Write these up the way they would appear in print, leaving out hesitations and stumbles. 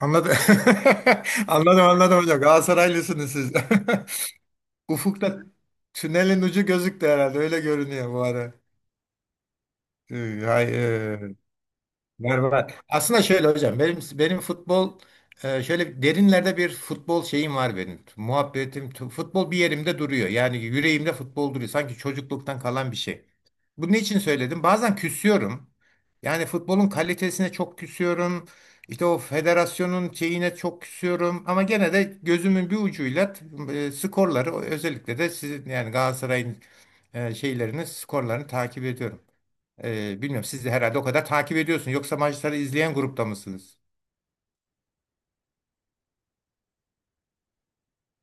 Anladım. Anladım, anladım hocam. Galatasaraylısınız siz. Ufukta tünelin ucu gözüktü herhalde. Öyle görünüyor bu ara. Ee, Hay, e, Berbat. Aslında şöyle hocam benim futbol şöyle derinlerde bir futbol şeyim var benim. Muhabbetim futbol bir yerimde duruyor. Yani yüreğimde futbol duruyor. Sanki çocukluktan kalan bir şey. Bunu için söyledim? Bazen küsüyorum. Yani futbolun kalitesine çok küsüyorum. İşte o federasyonun şeyine çok küsüyorum. Ama gene de gözümün bir ucuyla skorları, özellikle de sizin yani Galatasaray'ın şeylerini, skorlarını takip ediyorum. Bilmiyorum, siz de herhalde o kadar takip ediyorsun. Yoksa maçları izleyen grupta mısınız?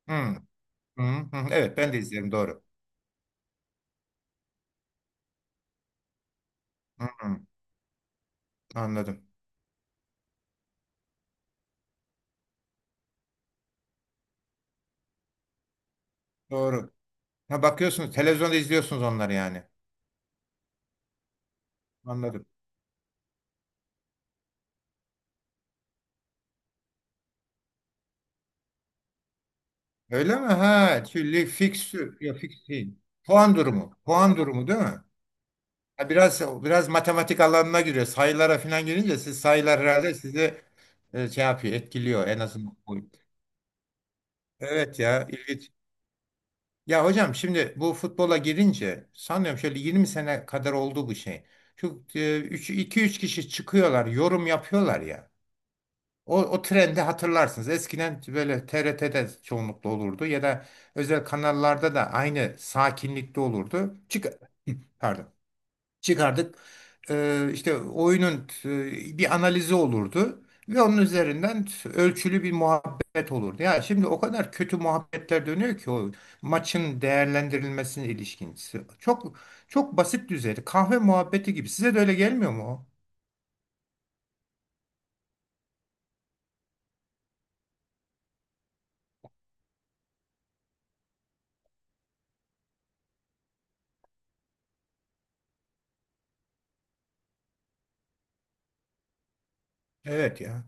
Hı, hı, hı. Evet, ben de izlerim, doğru. Hı, hı. Anladım. Doğru. Ha, bakıyorsunuz, televizyonda izliyorsunuz onları yani. Anladım. Öyle mi? Ha, şimdi fikstür. Yok, fix değil. Puan durumu. Puan durumu değil mi? Ha, biraz matematik alanına giriyor. Sayılara falan girince siz, sayılar herhalde sizi şey yapıyor, etkiliyor en azından. Evet ya, ilginç. Ya hocam, şimdi bu futbola girince sanıyorum şöyle 20 sene kadar oldu bu şey. Şu iki üç kişi çıkıyorlar, yorum yapıyorlar ya. O trendi hatırlarsınız. Eskiden böyle TRT'de çoğunlukla olurdu ya da özel kanallarda da aynı sakinlikte olurdu. Çık Pardon Çıkardık. İşte oyunun bir analizi olurdu ve onun üzerinden ölçülü bir muhabbet olurdu. Ya şimdi o kadar kötü muhabbetler dönüyor ki o maçın değerlendirilmesine ilişkin. Çok çok basit düzeyde, kahve muhabbeti gibi. Size de öyle gelmiyor mu o? Evet ya.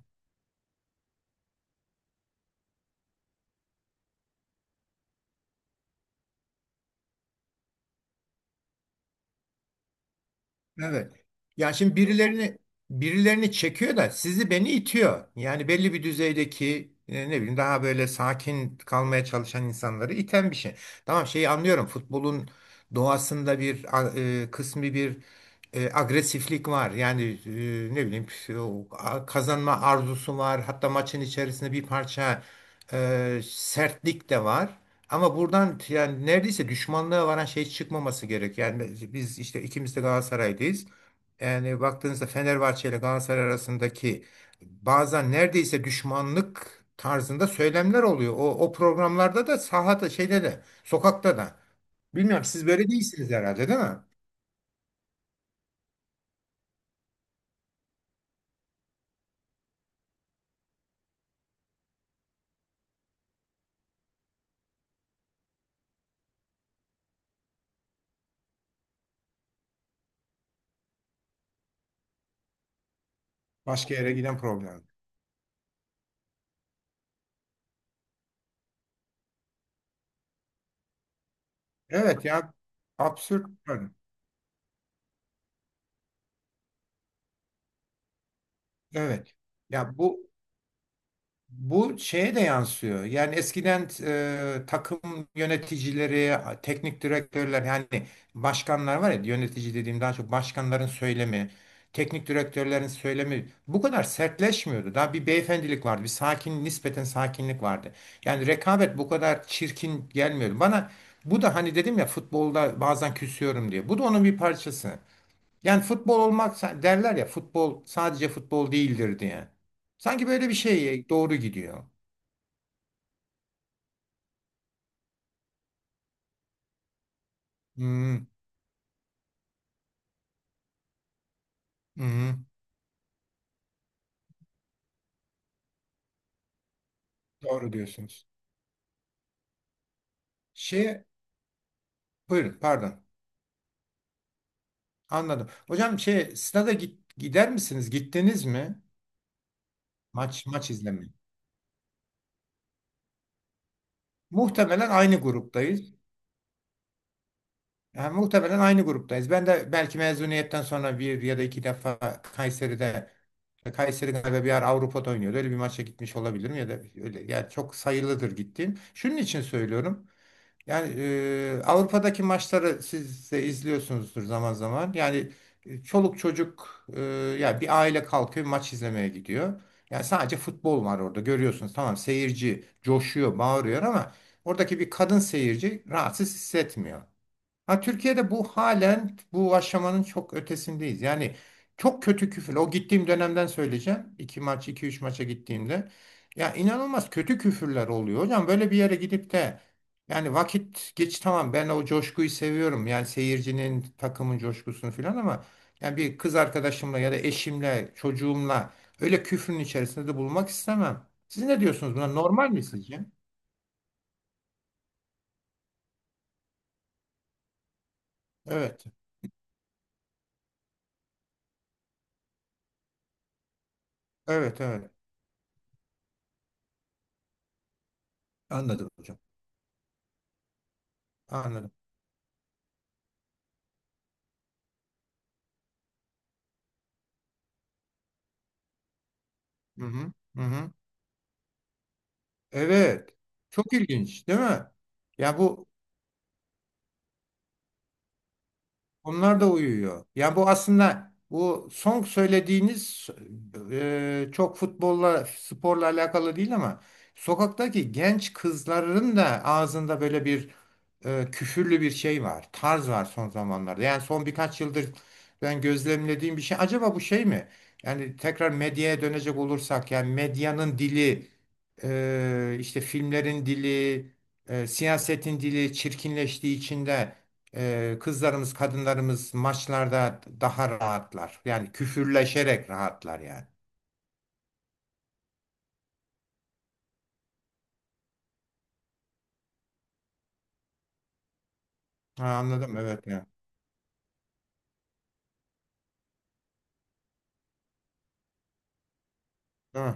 Evet. Ya şimdi birilerini birilerini çekiyor da sizi beni itiyor. Yani belli bir düzeydeki e, ne bileyim daha böyle sakin kalmaya çalışan insanları iten bir şey. Tamam şeyi anlıyorum. Futbolun doğasında bir a- e, kısmi bir e, agresiflik var. Yani e, ne bileyim o a- kazanma arzusu var. Hatta maçın içerisinde bir parça e, sertlik de var. Ama buradan yani neredeyse düşmanlığa varan şey çıkmaması gerek. Yani biz işte ikimiz de Galatasaray'dayız. Yani baktığınızda Fenerbahçe ile Galatasaray arasındaki bazen neredeyse düşmanlık tarzında söylemler oluyor. O, o programlarda da sahada şeyde de sokakta da. Bilmiyorum siz böyle değilsiniz herhalde değil mi? Başka yere giden program. Evet ya absürt. Yani. Evet. Ya bu Bu şeye de yansıyor. Yani eskiden takım yöneticileri, teknik direktörler, yani başkanlar var ya, yönetici dediğim daha çok başkanların söylemi, teknik direktörlerin söylemi bu kadar sertleşmiyordu. Daha bir beyefendilik vardı, bir sakin, nispeten sakinlik vardı. Yani rekabet bu kadar çirkin gelmiyordu bana. Bu da hani dedim ya, futbolda bazen küsüyorum diye. Bu da onun bir parçası. Yani futbol olmak derler ya, futbol sadece futbol değildir diye. Sanki böyle bir şeye doğru gidiyor. Hmm, hmm, doğru diyorsunuz. Şey, buyurun, pardon. Anladım. Hocam şey, gider misiniz? Gittiniz mi? Maç, maç izlemeye. Muhtemelen aynı gruptayız. Yani muhtemelen aynı gruptayız. Ben de belki mezuniyetten sonra bir ya da iki defa Kayseri galiba bir ara Avrupa'da oynuyordu. Öyle bir maça gitmiş olabilirim ya da öyle, yani çok sayılıdır gittiğim. Şunun için söylüyorum. Yani Avrupa'daki maçları siz de izliyorsunuzdur zaman zaman. Yani çoluk çocuk, ya bir aile kalkıyor maç izlemeye gidiyor. Yani sadece futbol var orada, görüyorsunuz. Tamam, seyirci coşuyor, bağırıyor ama oradaki bir kadın seyirci rahatsız hissetmiyor. Ha, Türkiye'de bu halen, bu aşamanın çok ötesindeyiz. Yani çok kötü küfür. O gittiğim dönemden söyleyeceğim. İki üç maça gittiğimde. Ya inanılmaz kötü küfürler oluyor. Hocam böyle bir yere gidip de, yani vakit geç, tamam ben o coşkuyu seviyorum. Yani seyircinin, takımın coşkusunu falan ama yani bir kız arkadaşımla ya da eşimle, çocuğumla öyle küfrün içerisinde de bulunmak istemem. Siz ne diyorsunuz buna? Normal mi sizce? Evet. Evet, evet. Anladım hocam. Anladım. Hı hı. Hı hı. Evet. Çok ilginç, değil mi? Ya bu Onlar da uyuyor. Yani bu aslında, bu son söylediğiniz çok futbolla, sporla alakalı değil ama sokaktaki genç kızların da ağzında böyle bir küfürlü bir şey var. Tarz var son zamanlarda. Yani son birkaç yıldır ben gözlemlediğim bir şey. Acaba bu şey mi? Yani tekrar medyaya dönecek olursak, yani medyanın dili, işte filmlerin dili, siyasetin dili çirkinleştiği içinde, kızlarımız, kadınlarımız maçlarda daha rahatlar. Yani küfürleşerek rahatlar yani. Ha, anladım, evet ya. Değil.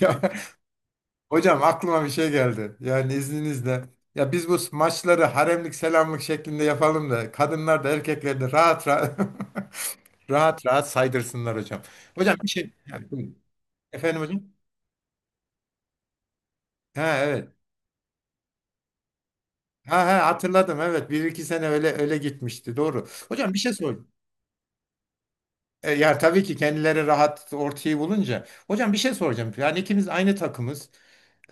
Ya hocam, aklıma bir şey geldi. Yani izninizle. Ya biz bu maçları haremlik selamlık şeklinde yapalım da kadınlar da, erkekler de rahat rahat rahat rahat saydırsınlar hocam. Hocam bir şey yani, buyurun. Efendim hocam. Ha, evet. Ha, hatırladım, evet. Bir iki sene öyle öyle gitmişti. Doğru. Hocam bir şey soracağım. Ya tabii ki kendileri rahat, ortayı bulunca. Hocam bir şey soracağım. Yani ikimiz aynı takımız.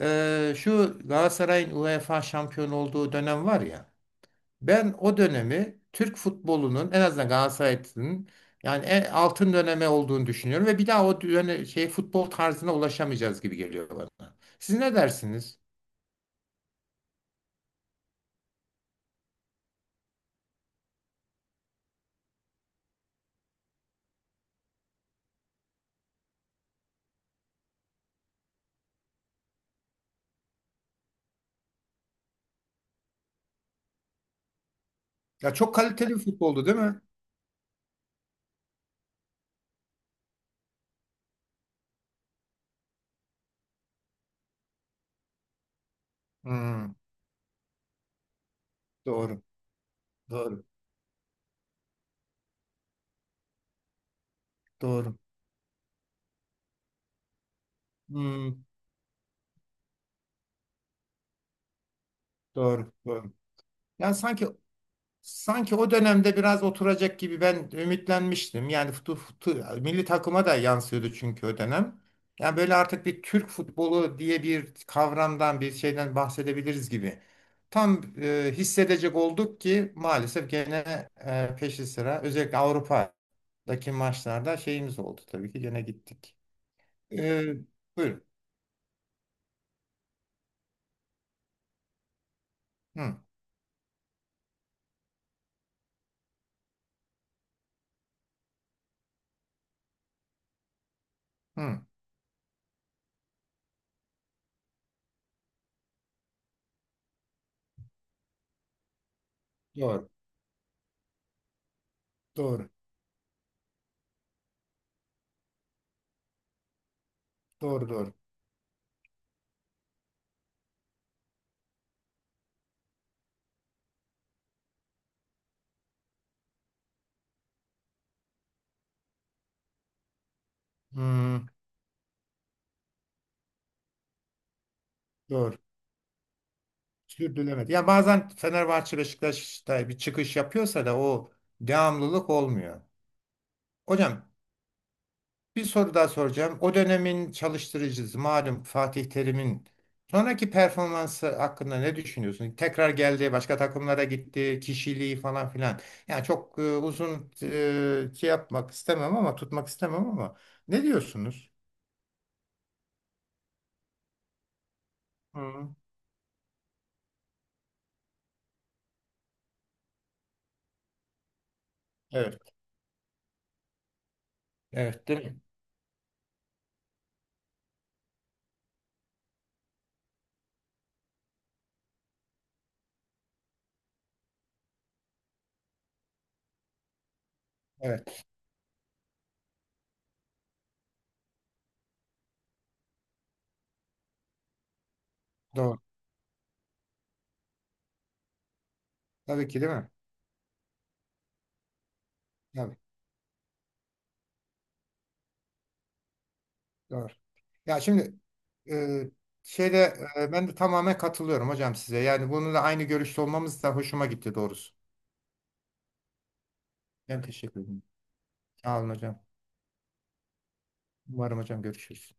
Şu Galatasaray'ın UEFA şampiyon olduğu dönem var ya. Ben o dönemi Türk futbolunun, en azından Galatasaray'ın yani en altın döneme olduğunu düşünüyorum ve bir daha şey futbol tarzına ulaşamayacağız gibi geliyor bana. Siz ne dersiniz? Ya çok kaliteli bir futboldu, değil mi? Hmm, doğru, doğru, doğru. Hmm, doğru. Yani sanki Sanki o dönemde biraz oturacak gibi ben ümitlenmiştim. Yani milli takıma da yansıyordu çünkü o dönem. Yani böyle artık bir Türk futbolu diye bir kavramdan, bir şeyden bahsedebiliriz gibi. Tam hissedecek olduk ki maalesef gene peşi sıra, özellikle Avrupa'daki maçlarda şeyimiz oldu tabii ki, gene gittik. E, Buyurun. Hı, hı. Doğru. Doğru. Doğru. Hı, doğru. Sürdürülemedi. Ya bazen Fenerbahçe, Beşiktaş'ta bir çıkış yapıyorsa da o devamlılık olmuyor. Hocam bir soru daha soracağım. O dönemin çalıştırıcısı, malum Fatih Terim'in sonraki performansı hakkında ne düşünüyorsun? Tekrar geldi, başka takımlara gitti, kişiliği falan filan. Yani çok uzun şey yapmak istemem ama tutmak istemem ama ne diyorsunuz? Hı. Evet. Evet, değil mi? Evet, doğru. Tabii ki değil mi? Tabii, doğru. Ya şimdi e, şeyde, ben de tamamen katılıyorum hocam size. Yani bununla aynı görüşte olmamız da hoşuma gitti doğrusu. Ben teşekkür ederim. Sağ olun hocam. Umarım hocam, görüşürüz.